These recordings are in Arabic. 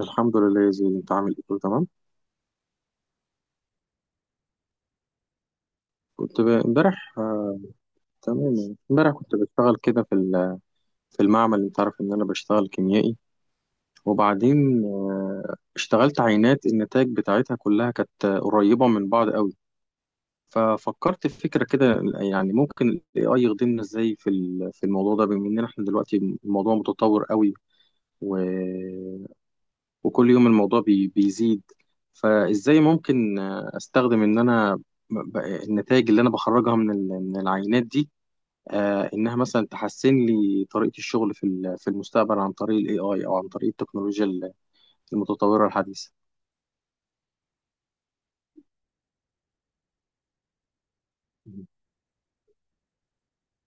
الحمد لله يا زين، انت عامل ايه؟ كله تمام. امبارح. تمام يعني. امبارح كنت بشتغل كده في المعمل. انت عارف ان انا بشتغل كيميائي. وبعدين اشتغلت عينات النتائج بتاعتها كلها كانت قريبة من بعض قوي. ففكرت في فكرة كده، يعني ممكن الاي اي يخدمنا ازاي في الموضوع ده، بما ان احنا دلوقتي الموضوع متطور قوي، وكل يوم الموضوع بيزيد. فازاي ممكن استخدم ان انا النتائج اللي انا بخرجها من العينات دي، انها مثلا تحسن لي طريقة الشغل في المستقبل، عن طريق الاي اي او عن طريق التكنولوجيا المتطورة الحديثة.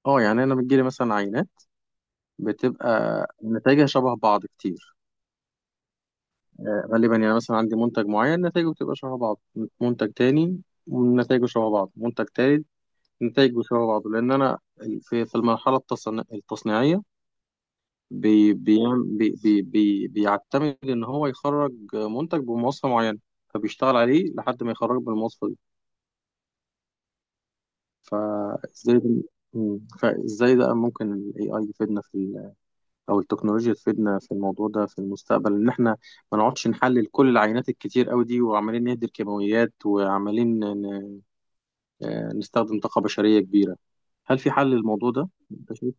اه يعني انا بتجيلي مثلا عينات بتبقى نتائجها شبه بعض كتير، غالبا. يعني مثلا عندي منتج معين نتائجه بتبقى شبه بعض، منتج تاني نتائجه شبه بعض، منتج تالت نتائج بيشبه بعض، لان انا في التصنيعيه بي بيعم- بي بي بي بيعتمد ان هو يخرج منتج بمواصفه معينه، فبيشتغل عليه لحد ما يخرجه بالمواصفه دي. فازاي ده- فازاي ده ممكن الاي اي يفيدنا او التكنولوجيا تفيدنا في الموضوع ده في المستقبل، ان احنا ما نقعدش نحلل كل العينات الكتير قوي دي، وعمالين نهدر كيماويات، وعمالين نستخدم طاقه بشريه كبيره. هل في حل للموضوع ده انت شايف؟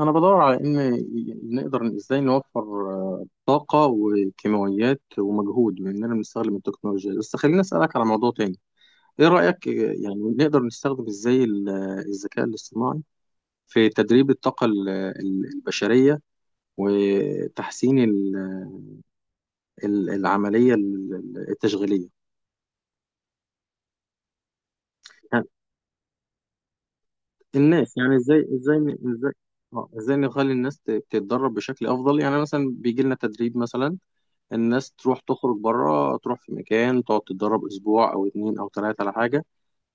انا بدور على نقدر ازاي نوفر طاقه وكيماويات ومجهود، باننا بنستخدم التكنولوجيا. بس خليني اسالك على موضوع تاني. ايه رايك، يعني نقدر نستخدم ازاي الذكاء الاصطناعي في تدريب الطاقه البشريه، وتحسين العمليه التشغيليه؟ يعني الناس، يعني ازاي، ازاي نخلي تتدرب بشكل افضل. يعني مثلا بيجي لنا تدريب، مثلا الناس تروح تخرج بره، تروح في مكان تقعد تتدرب اسبوع او اتنين او تلاتة على حاجة.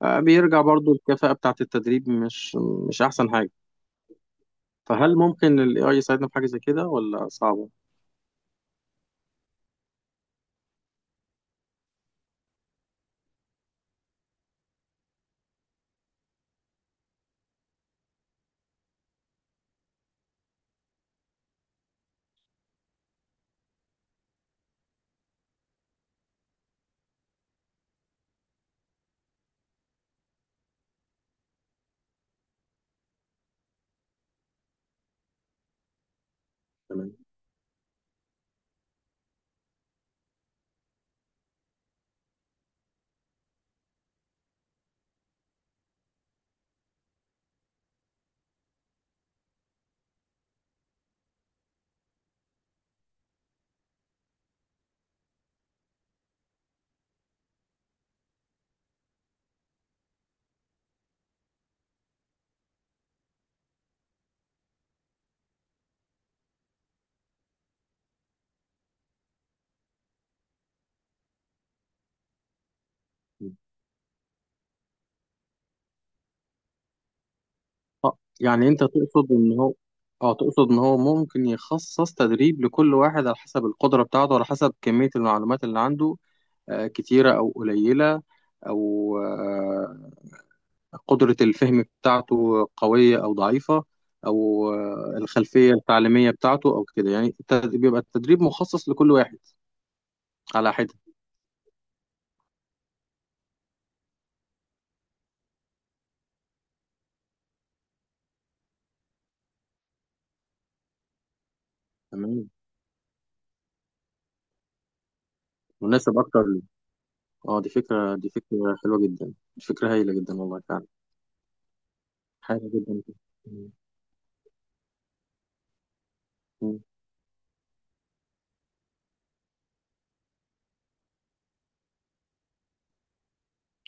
بيرجع برضو الكفاءة بتاعة التدريب مش احسن حاجة. فهل ممكن ال AI يساعدنا في حاجة زي كده، ولا صعبة؟ تمام. يعني انت تقصد ان هو، اه تقصد ان هو ممكن يخصص تدريب لكل واحد على حسب القدرة بتاعته، على حسب كمية المعلومات اللي عنده كتيرة او قليلة، او قدرة الفهم بتاعته قوية أو ضعيفة، أو الخلفية التعليمية بتاعته أو كده. يعني بيبقى التدريب مخصص لكل واحد على حدة. تمام، مناسب أكتر ليه. أه، دي فكرة، دي فكرة حلوة جدا، دي فكرة هايلة جدا والله فعلا. حاجة جدا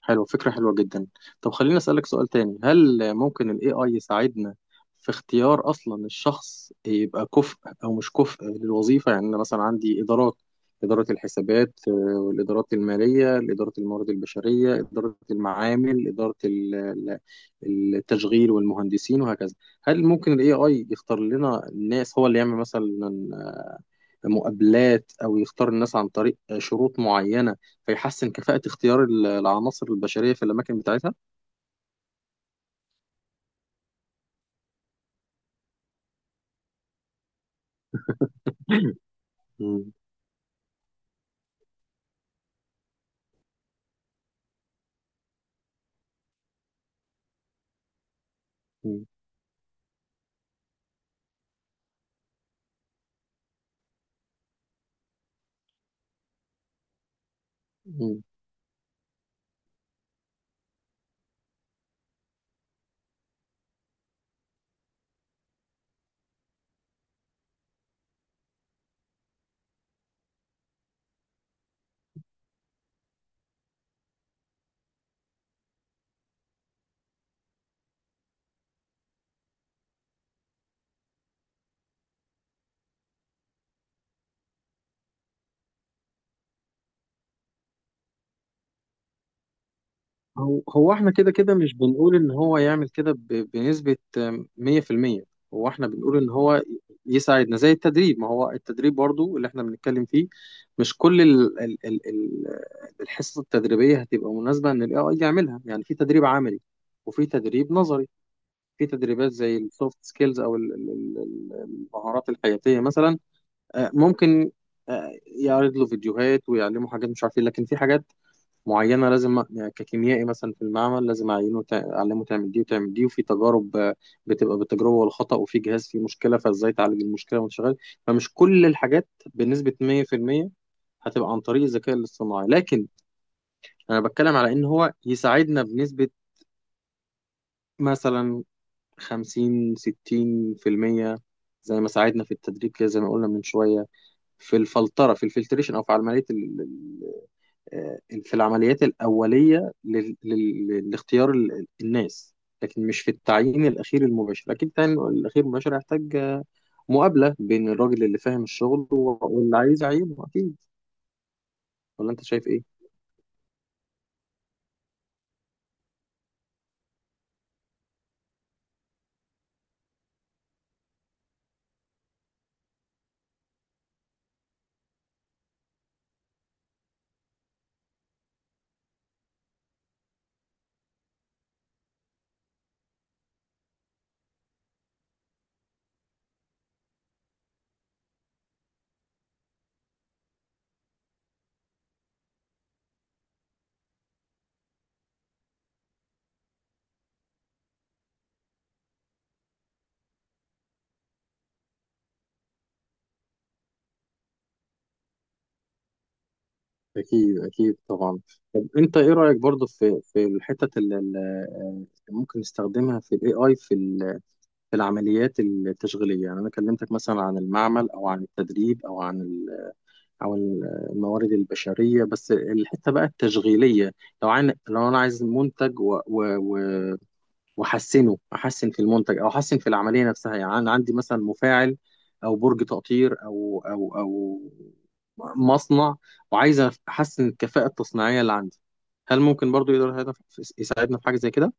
حلو، فكرة حلوة جدا. طب خليني أسألك سؤال تاني. هل ممكن ال AI يساعدنا في اختيار أصلا الشخص يبقى كفء أو مش كفء للوظيفة؟ يعني أنا مثلا عندي إدارات: إدارة الحسابات، والإدارات المالية، إدارة الموارد البشرية، إدارة المعامل، إدارة التشغيل والمهندسين وهكذا. هل ممكن ال AI يختار لنا الناس، هو اللي يعمل مثلا مقابلات، او يختار الناس عن طريق شروط معينه، فيحسن كفاءه اختيار العناصر البشريه في الاماكن بتاعتها؟ مم. مم. مم. هو احنا كده كده مش بنقول ان هو يعمل كده بنسبه 100%. هو احنا بنقول ان هو يساعدنا زي التدريب. ما هو التدريب برضو اللي احنا بنتكلم فيه، مش كل ال ال ال ال الحصص التدريبيه هتبقى مناسبه ان الاي اي يعملها. يعني في تدريب عملي وفي تدريب نظري، في تدريبات زي السوفت سكيلز، او ال- المهارات الحياتيه مثلا. ممكن يعرض له فيديوهات ويعلمه حاجات مش عارف ايه. لكن في حاجات معينه لازم، ككيميائي مثلا في المعمل لازم اعلمه تعمل دي وتعمل دي. وفي تجارب بتبقى بالتجربه والخطا، وفي جهاز فيه مشكله فازاي تعالج المشكله وانت شغال. فمش كل الحاجات بنسبه 100% هتبقى عن طريق الذكاء الاصطناعي، لكن انا بتكلم على ان هو يساعدنا بنسبه مثلا خمسين ستين في المية، زي ما ساعدنا في التدريب كده زي ما قلنا من شوية، في الفلترة، في الفلتريشن، أو في عملية آه، في العمليات الأولية لاختيار الناس. لكن مش في التعيين الأخير المباشر. أكيد التعيين الأخير المباشر هيحتاج مقابلة بين الراجل اللي فاهم الشغل واللي عايز يعينه أكيد. ولا أنت شايف إيه؟ أكيد أكيد طبعا. طب أنت إيه رأيك برضو في الحتة اللي ممكن نستخدمها في ال AI في العمليات التشغيلية؟ يعني أنا كلمتك مثلا عن المعمل، أو عن التدريب، أو عن ال- أو ال- الموارد البشرية. بس الحتة بقى التشغيلية، لو لو أنا عايز منتج، وأحسنه، أحسن في المنتج أو أحسن في العملية نفسها. يعني أنا عندي مثلا مفاعل، أو برج تقطير، أو مصنع، وعايز أحسن الكفاءة التصنيعية اللي عندي. هل ممكن برضو يقدر يساعدنا في حاجة زي كده؟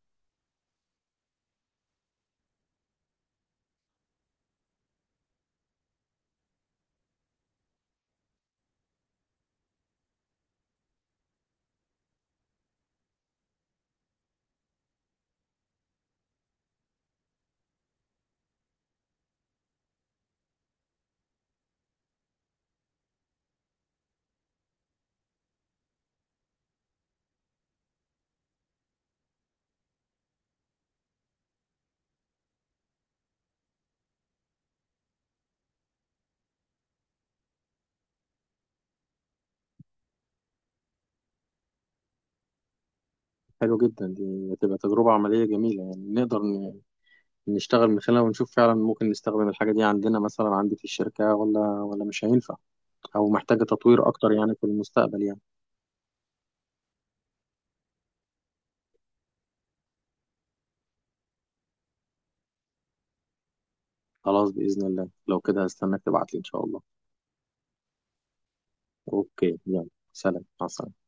حلو جدا، دي هتبقى تجربة عملية جميلة. يعني نقدر نشتغل من خلالها ونشوف فعلا ممكن نستخدم الحاجة دي عندنا، مثلا عندي في الشركة، ولا مش هينفع، أو محتاجة تطوير أكتر يعني في المستقبل يعني. خلاص، بإذن الله، لو كده هستناك تبعتلي إن شاء الله. أوكي يلا، سلام، مع السلامة.